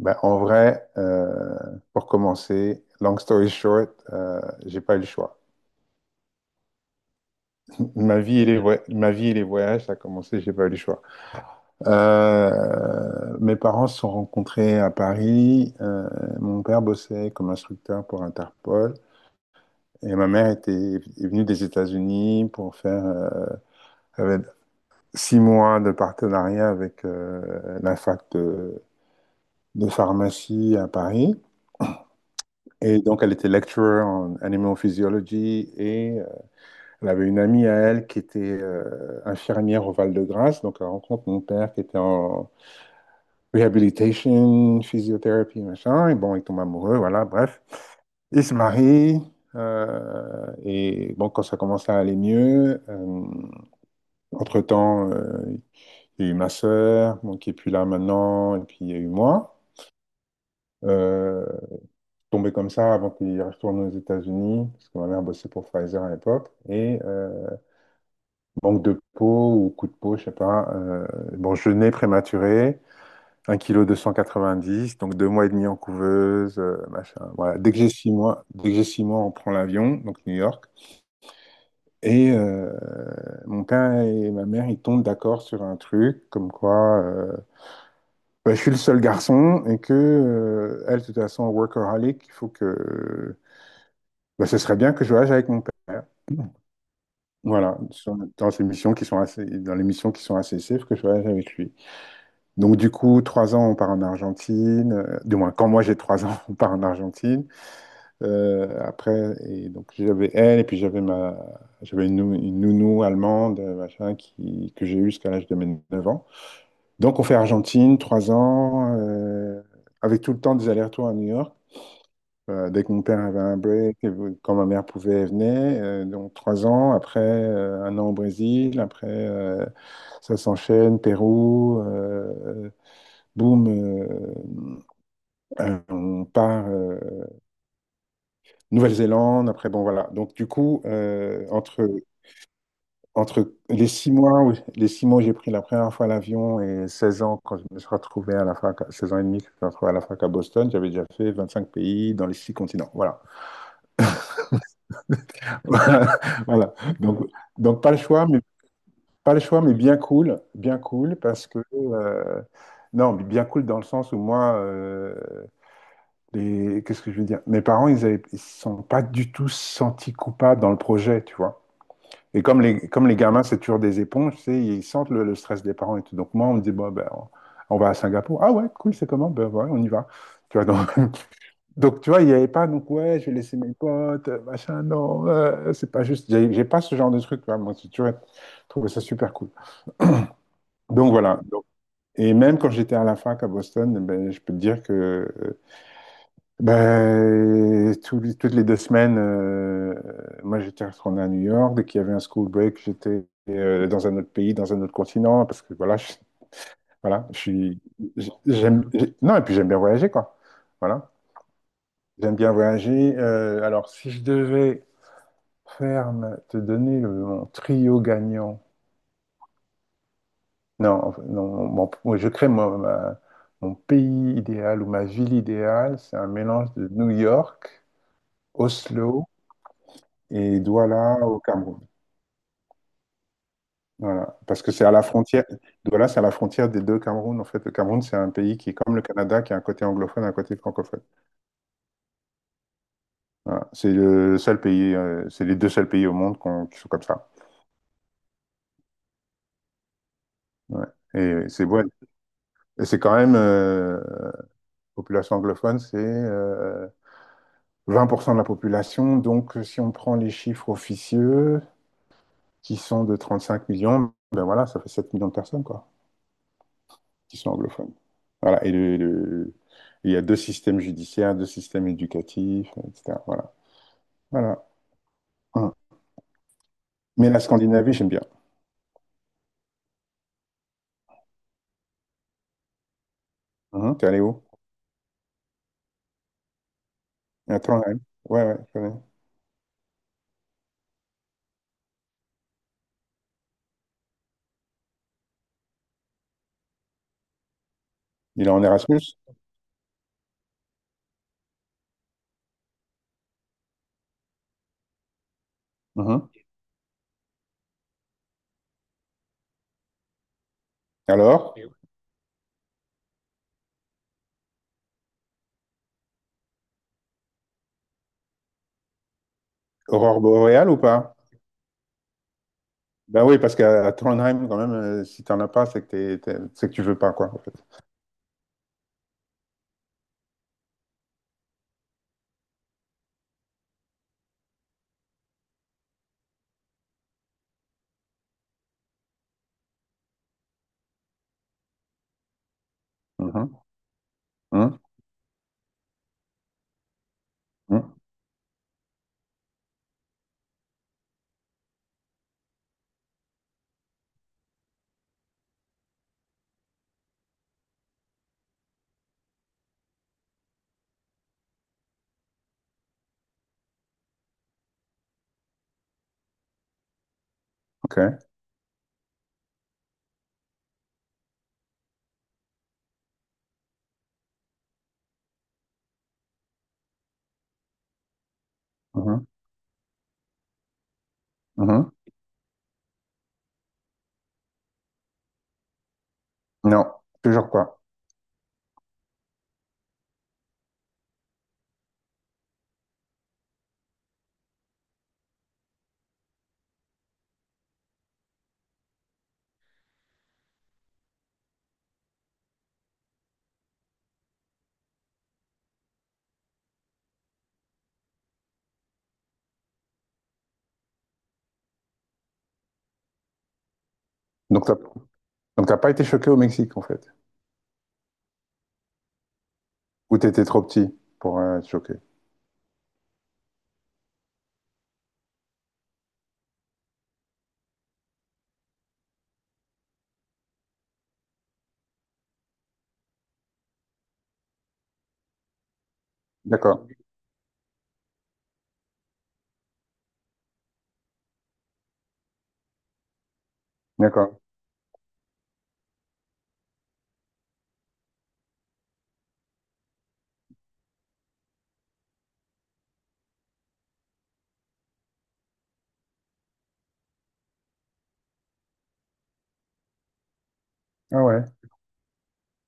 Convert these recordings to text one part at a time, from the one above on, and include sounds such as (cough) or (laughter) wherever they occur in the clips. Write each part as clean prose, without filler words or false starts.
Ben, en vrai, pour commencer, long story short, j'ai pas eu le choix. (laughs) Ma vie et ma vie et les voyages, ça a commencé, j'ai pas eu le choix. Mes parents se sont rencontrés à Paris. Mon père bossait comme instructeur pour Interpol et ma mère était est venue des États-Unis pour faire avec six mois de partenariat avec la fac de pharmacie à Paris. Et donc, elle était lecturer en animal physiology. Et Elle avait une amie à elle qui était infirmière au Val-de-Grâce, donc elle rencontre mon père qui était en rehabilitation, physiothérapie, machin, et bon, ils tombent amoureux, voilà, bref. Ils se marient, et bon, quand ça commence à aller mieux, entre-temps, il y a eu ma sœur, bon, qui est plus là maintenant, et puis il y a eu moi. Euh, Tombé comme ça avant qu'il retourne aux États-Unis, parce que ma mère bossait pour Pfizer à l'époque, et manque de peau ou coup de peau, je sais pas. Bon, je nais prématuré, un kilo deux cent quatre-vingt-dix, donc deux mois et demi en couveuse, machin. Voilà. Dès que j'ai six mois, dès que j'ai six mois, on prend l'avion, donc New York. Et mon père et ma mère, ils tombent d'accord sur un truc, comme quoi bah, je suis le seul garçon et que elle, de toute façon, workaholic, il faut que bah, ce serait bien que je voyage avec mon père. Voilà, dans ces missions qui sont assez, dans les missions qui sont assez safe, que je voyage avec lui. Donc du coup, trois ans, on part en Argentine. Du moins, quand moi j'ai trois ans, (laughs) on part en Argentine. Après, et donc j'avais elle, et puis j'avais une, une nounou allemande, machin, que j'ai eue jusqu'à l'âge de mes 9 ans. Donc on fait Argentine, trois ans, avec tout le temps des allers-retours à New York. Dès que mon père avait un break, et quand ma mère pouvait, elle venait. Donc trois ans, après un an au Brésil, après ça s'enchaîne, Pérou. Boum, euh, on part Nouvelle-Zélande. Après, bon, voilà. Donc, du coup, entre les six mois les six mois où j'ai pris la première fois l'avion et 16 ans, quand je me suis retrouvé à la fac, 16 ans et demi, que je me suis retrouvé à la fac à Boston, j'avais déjà fait 25 pays dans les six continents. Voilà. (laughs) Voilà. Donc, donc, pas le choix, mais, pas le choix, mais bien cool. Bien cool parce que. Non, mais bien cool dans le sens où moi, qu'est-ce que je veux dire? Mes parents, ils avaient... ils se sont pas du tout sentis coupables dans le projet, tu vois. Et comme les gamins, c'est toujours des éponges, tu sais, ils sentent le stress des parents et tout. Donc moi, on me dit, bon, ben, on va à Singapour. Ah ouais, cool, c'est comment? Ben ouais, on y va. Tu vois, donc, (laughs) donc, tu vois, il n'y avait pas, donc ouais, je vais laisser mes potes, machin, non, c'est pas juste. J'ai pas ce genre de truc, tu vois. Moi, tu vois, je trouvais ça super cool. Donc voilà. Donc, et même quand j'étais à la fac à Boston, ben, je peux te dire que ben, tous toutes les deux semaines, moi j'étais retourné à New York. Dès qu'il y avait un school break, j'étais dans un autre pays, dans un autre continent, parce que voilà, j'aime, non, et puis j'aime bien voyager, quoi. Voilà, j'aime bien voyager. Alors, si je devais te donner mon trio gagnant, non, en fait, non, moi, je crée mon pays idéal ou ma ville idéale, c'est un mélange de New York, Oslo et Douala au Cameroun. Voilà. Parce que c'est à la frontière, Douala, c'est à la frontière des deux Cameroun. En fait, le Cameroun, c'est un pays qui est comme le Canada, qui a un côté anglophone et un côté francophone. Voilà. C'est les deux seuls pays au monde qui sont comme ça. Ouais. Et c'est bon. Et c'est quand même, population anglophone, c'est 20% de la population. Donc, si on prend les chiffres officieux, qui sont de 35 millions, ben voilà, ça fait 7 millions de personnes, quoi. Qui sont anglophones. Voilà. Il y a deux systèmes judiciaires, deux systèmes éducatifs, etc. Voilà. Voilà. Hum. Mais la Scandinavie, j'aime bien. Mhm. T'es allé où? À Trondheim. Ouais, ouais, je connais. Il est en Erasmus? Mhm. Alors, oui. Aurore boréale ou pas? Ben oui, parce qu'à à Trondheim, quand même, si t'en as pas, c'est que c'est que tu veux pas, quoi, en fait. Mhm. Mhm. Mhm. OK. Mhm. Mhm. Non, toujours pas. Donc, t'as donc t'as pas été choqué au Mexique, en fait. Ou t'étais trop petit pour être choqué. D'accord. D'accord. Ah ouais.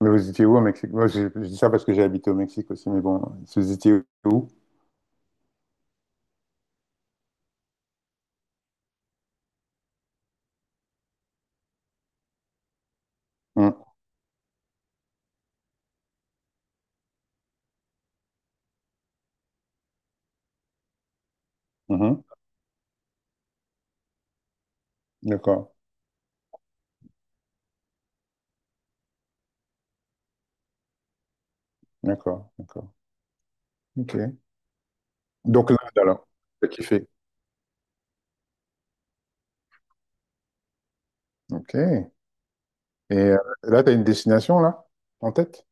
Mais vous étiez où au Mexique? Moi, je dis ça parce que j'ai habité au Mexique aussi, mais bon, vous étiez où? Hum, mhm. D'accord. D'accord. D'accord. OK. Donc l'Inde, alors, t'as kiffé. OK. Et là, tu as une destination, là, en tête?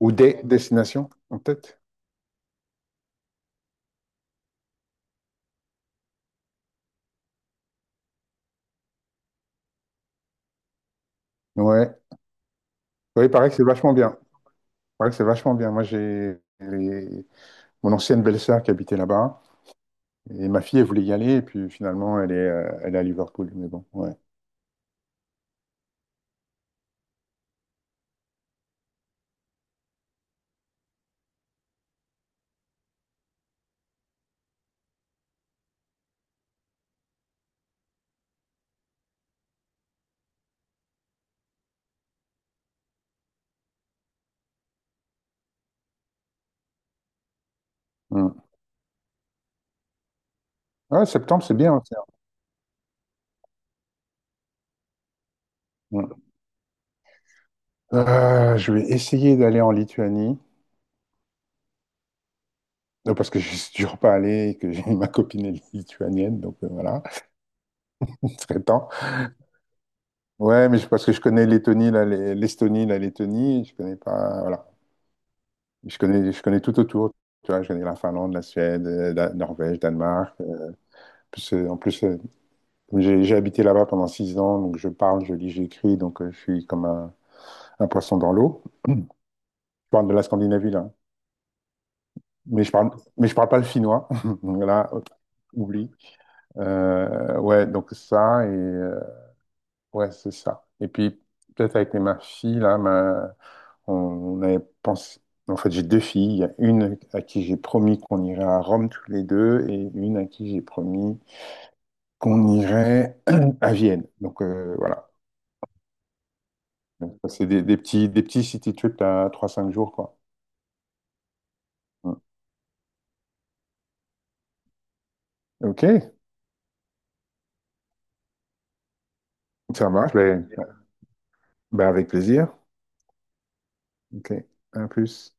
Ou des destinations en tête? Ouais. Oui, il paraît que c'est vachement bien. Il paraît que c'est vachement bien. Mon ancienne belle-sœur qui habitait là-bas. Et ma fille, elle voulait y aller, et puis finalement, elle est à Liverpool. Mais bon, ouais. Hum. Ouais, septembre, c'est bien aussi. Hein. Je vais essayer d'aller en Lituanie. Non, parce que (laughs) je suis toujours pas allé et que j'ai ma copine est lituanienne, donc voilà, il serait temps. Ouais, mais parce que je connais l'Estonie, la Lettonie, je connais pas, voilà. Je connais tout autour, tu vois, je connais la Finlande, la Suède, la Norvège, Danemark. En plus, j'ai habité là-bas pendant six ans, donc je parle, je lis, j'écris, donc je suis comme un poisson dans l'eau. Je parle de la Scandinavie, là. Mais je parle, mais je parle pas le finnois. (laughs) Voilà, oublie. Ouais, donc ça, et ouais, c'est ça. Et puis, peut-être avec ma fille, on avait pensé. En fait, j'ai deux filles. Il y a une à qui j'ai promis qu'on irait à Rome tous les deux, et une à qui j'ai promis qu'on irait (clears throat) à Vienne. Donc, voilà. Donc, ça, c'est des petits city trips à trois cinq jours, quoi. Mm. OK, ça marche. Ben, avec plaisir. OK, à plus.